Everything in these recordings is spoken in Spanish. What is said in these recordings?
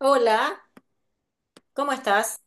Hola, ¿cómo estás?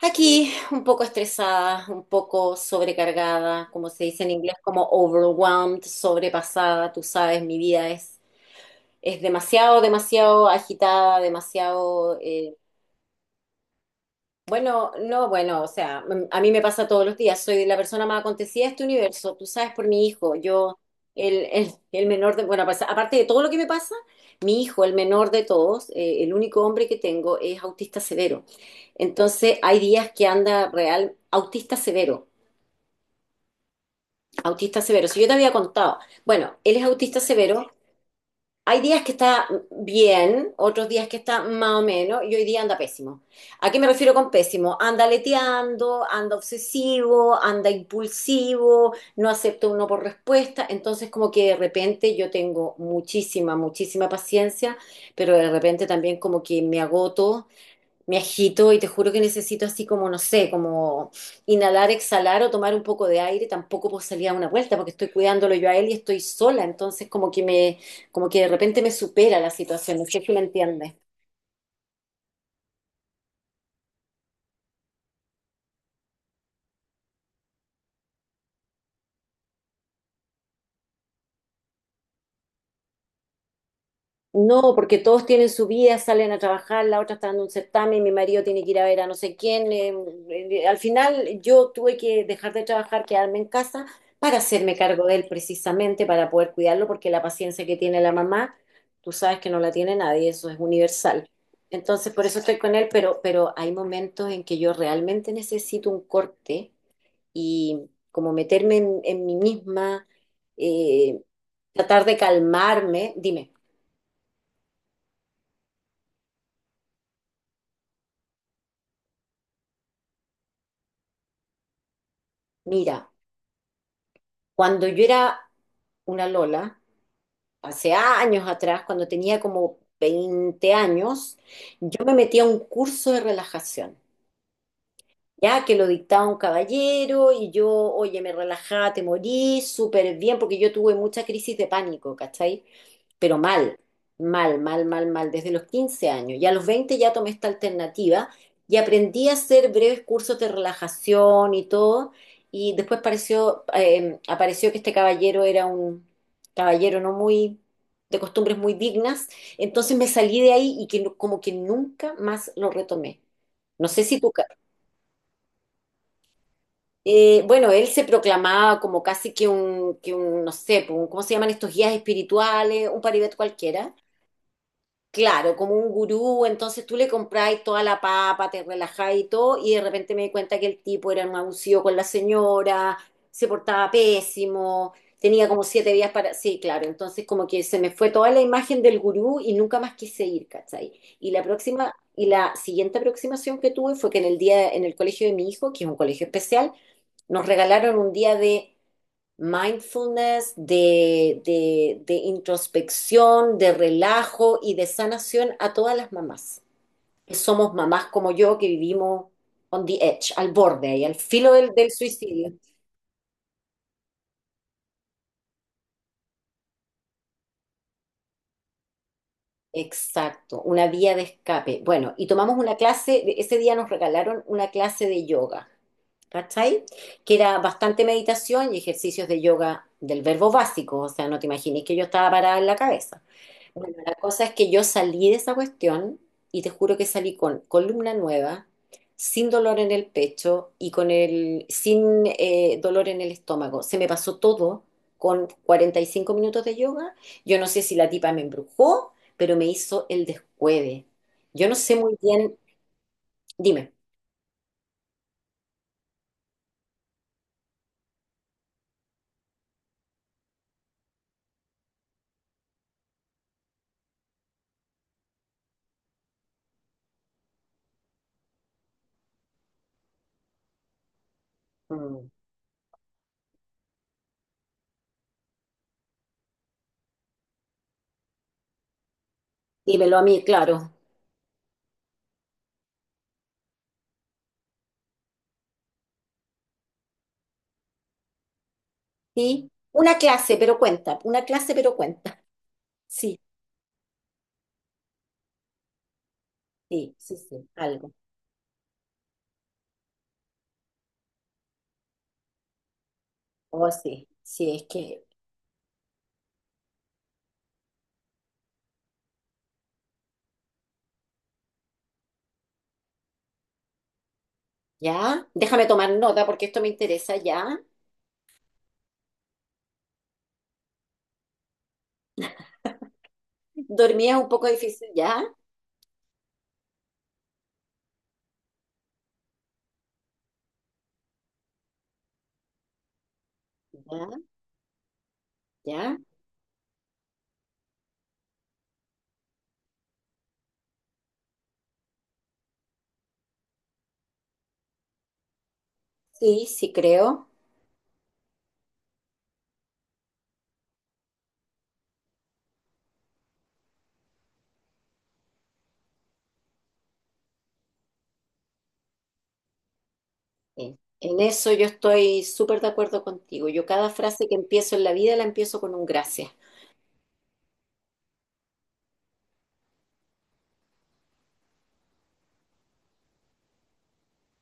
Aquí un poco estresada, un poco sobrecargada, como se dice en inglés, como overwhelmed, sobrepasada. Tú sabes, mi vida es demasiado, demasiado agitada, demasiado bueno, no, bueno, o sea, a mí me pasa todos los días, soy la persona más acontecida de este universo, tú sabes por mi hijo, yo, el menor de, bueno, pues, aparte de todo lo que me pasa, mi hijo, el menor de todos, el único hombre que tengo es autista severo. Entonces, hay días que anda real, autista severo, si yo te había contado, bueno, él es autista severo, hay días que está bien, otros días que está más o menos, y hoy día anda pésimo. ¿A qué me refiero con pésimo? Anda leteando, anda obsesivo, anda impulsivo, no acepta uno por respuesta. Entonces, como que de repente yo tengo muchísima, muchísima paciencia, pero de repente también como que me agoto, me agito y te juro que necesito así como, no sé, como inhalar, exhalar o tomar un poco de aire. Tampoco puedo salir a una vuelta porque estoy cuidándolo yo a él y estoy sola. Entonces como que me, como que de repente me supera la situación. No sé si me entiendes. No, porque todos tienen su vida, salen a trabajar, la otra está dando un certamen, mi marido tiene que ir a ver a no sé quién. Al final yo tuve que dejar de trabajar, quedarme en casa para hacerme cargo de él precisamente, para poder cuidarlo, porque la paciencia que tiene la mamá, tú sabes que no la tiene nadie, eso es universal. Entonces, por eso estoy con él, pero hay momentos en que yo realmente necesito un corte y como meterme en mí misma, eh, tratar de calmarme. Dime, mira. Cuando yo era una Lola, hace años atrás, cuando tenía como 20 años, yo me metí a un curso de relajación ya que lo dictaba un caballero y yo, oye, me relajaba, te morí, súper bien, porque yo tuve mucha crisis de pánico, ¿cachai? Pero mal, mal, mal, mal, mal, desde los 15 años. Y a los 20 ya tomé esta alternativa y aprendí a hacer breves cursos de relajación y todo. Y después pareció, apareció que este caballero era un caballero no muy, de costumbres muy dignas. Entonces me salí de ahí y que, como que nunca más lo retomé. No sé si tú, bueno, él se proclamaba como casi que un, no sé, pues, ¿cómo se llaman estos guías espirituales? Un paribet cualquiera. Claro, como un gurú, entonces tú le compráis toda la papa, te relajáis y todo, y de repente me di cuenta que el tipo era un abusivo con la señora, se portaba pésimo, tenía como 7 días para... Sí, claro, entonces como que se me fue toda la imagen del gurú y nunca más quise ir, ¿cachai? Y la próxima, y la siguiente aproximación que tuve fue que en el día, en el colegio de mi hijo, que es un colegio especial, nos regalaron un día de mindfulness, de introspección, de relajo y de sanación a todas las mamás. Somos mamás como yo que vivimos on the edge, al borde ahí, al filo del, del suicidio. Exacto, una vía de escape. Bueno, y tomamos una clase, ese día nos regalaron una clase de yoga, ¿cachai? Que era bastante meditación y ejercicios de yoga del verbo básico, o sea, no te imagines que yo estaba parada en la cabeza. Bueno, la cosa es que yo salí de esa cuestión y te juro que salí con columna nueva, sin dolor en el pecho y con el, sin dolor en el estómago. Se me pasó todo con 45 minutos de yoga. Yo no sé si la tipa me embrujó, pero me hizo el descueve. Yo no sé muy bien, dime. Mm. Dímelo a mí, claro. Sí, una clase, pero cuenta, una clase, pero cuenta. Sí, sí, sí, sí, algo. Oh, sí, sí, es que ya. Déjame tomar nota porque esto me interesa, ya. Dormía un poco difícil, ya. Ya, ya. Sí, sí creo. Sí. En eso yo estoy súper de acuerdo contigo. Yo cada frase que empiezo en la vida la empiezo con un gracias.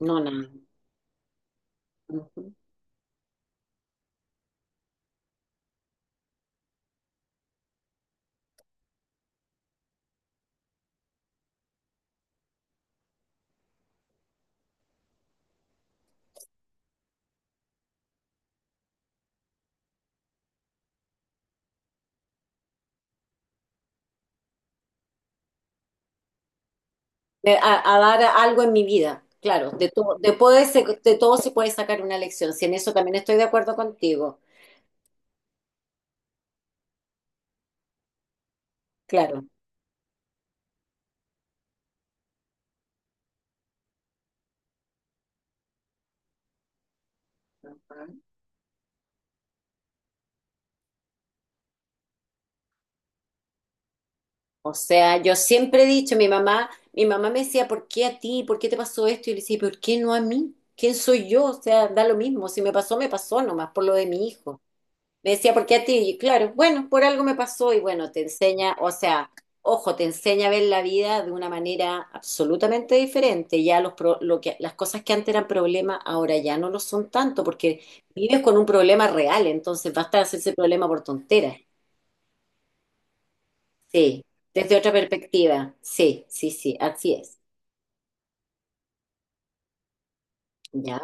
No, nada. Ujú. De- A, a dar algo en mi vida. Claro, de todo, de, de todo se puede sacar una lección. Si en eso también estoy de acuerdo contigo. Claro. O sea, yo siempre he dicho, mi mamá me decía, ¿por qué a ti? ¿Por qué te pasó esto? Y yo le decía, ¿por qué no a mí? ¿Quién soy yo? O sea, da lo mismo. Si me pasó, me pasó nomás por lo de mi hijo. Me decía, ¿por qué a ti? Y claro, bueno, por algo me pasó y bueno, te enseña, o sea, ojo, te enseña a ver la vida de una manera absolutamente diferente. Ya lo que, las cosas que antes eran problemas, ahora ya no lo son tanto porque vives con un problema real, entonces basta de hacerse problema por tonteras. Sí, desde otra perspectiva. Sí, sí, sí, así es. Ya,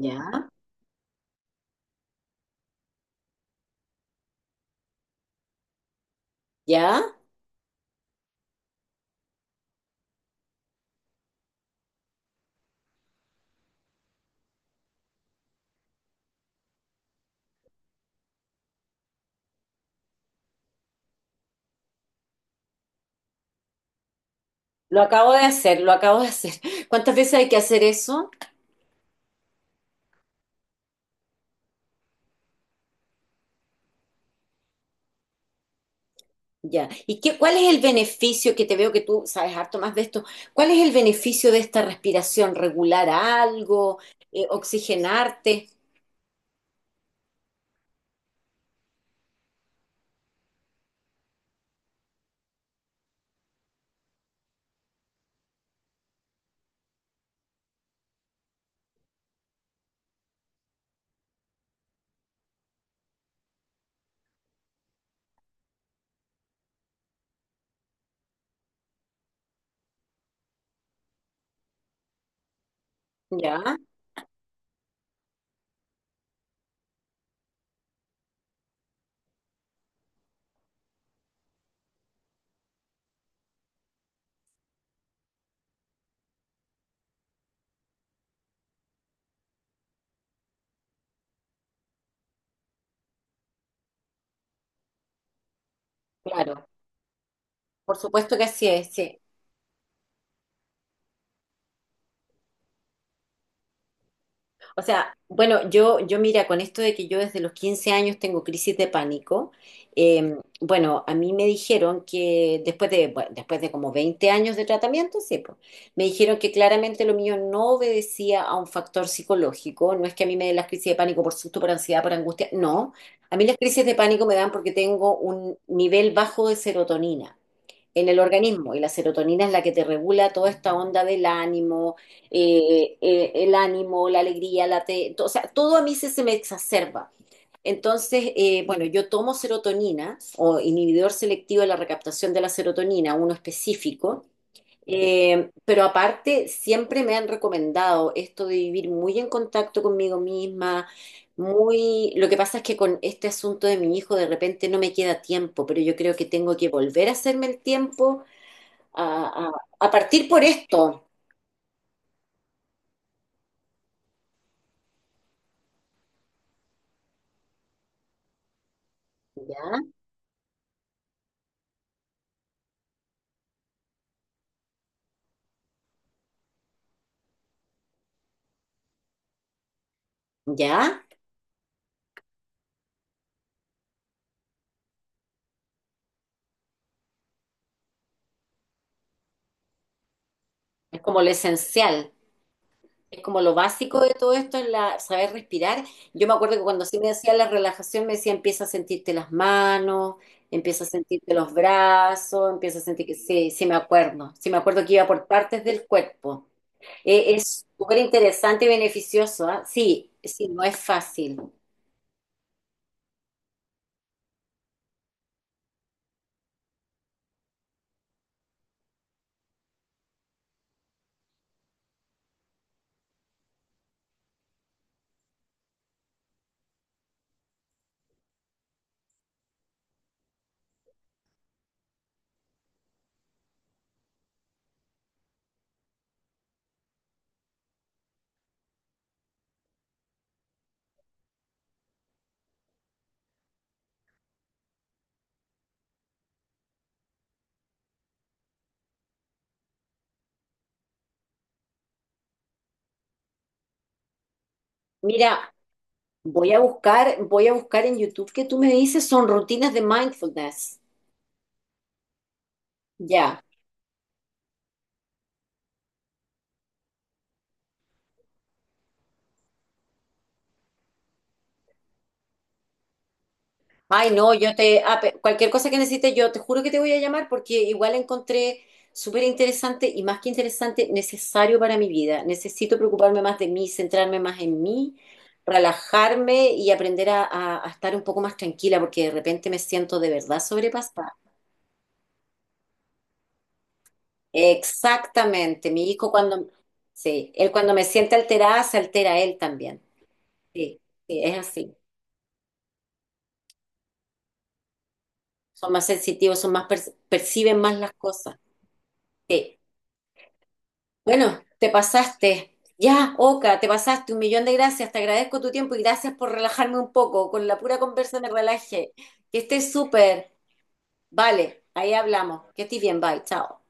ya, ya. Lo acabo de hacer, lo acabo de hacer. ¿Cuántas veces hay que hacer eso? Ya. ¿Y qué, cuál es el beneficio que te veo que tú sabes harto más de esto? ¿Cuál es el beneficio de esta respiración? ¿Regular algo? ¿Oxigenarte? Ya, claro. Por supuesto que así es, sí. O sea, bueno, yo mira, con esto de que yo desde los 15 años tengo crisis de pánico, eh, bueno, a mí me dijeron que después de, bueno, después de como 20 años de tratamiento, sí, pues, me dijeron que claramente lo mío no obedecía a un factor psicológico, no es que a mí me den las crisis de pánico por susto, por ansiedad, por angustia, no, a mí las crisis de pánico me dan porque tengo un nivel bajo de serotonina en el organismo y la serotonina es la que te regula toda esta onda del ánimo, el ánimo, la alegría, o sea, todo a mí se me exacerba. Entonces, bueno, yo tomo serotonina o inhibidor selectivo de la recaptación de la serotonina, uno específico, pero aparte siempre me han recomendado esto de vivir muy en contacto conmigo misma, muy... Lo que pasa es que con este asunto de mi hijo de repente no me queda tiempo, pero yo creo que tengo que volver a hacerme el tiempo a, a partir por esto, ¿ya? ¿Ya? Es como lo esencial, es como lo básico de todo esto, es la, saber respirar. Yo me acuerdo que cuando sí me decía la relajación, me decía empieza a sentirte las manos, empieza a sentirte los brazos, empieza a sentir que sí, sí me acuerdo que iba por partes del cuerpo. Es súper interesante y beneficioso, ¿ah? Sí, sí, no es fácil. Mira, voy a buscar en YouTube que tú me dices son rutinas de mindfulness. Ya. Ay, no, yo te, cualquier cosa que necesites, yo te juro que te voy a llamar porque igual encontré súper interesante y más que interesante, necesario para mi vida. Necesito preocuparme más de mí, centrarme más en mí, relajarme y aprender a, a estar un poco más tranquila porque de repente me siento de verdad sobrepasada. Exactamente, mi hijo cuando, sí, él cuando me siente alterada, se altera él también. Sí, sí, es así. Son más sensitivos, son más, perciben más las cosas. Sí. Bueno, te pasaste. Ya, Oka, te pasaste. Un millón de gracias. Te agradezco tu tiempo y gracias por relajarme un poco. Con la pura conversa me relajé. Que estés súper. Vale, ahí hablamos. Que estés bien. Bye. Chao.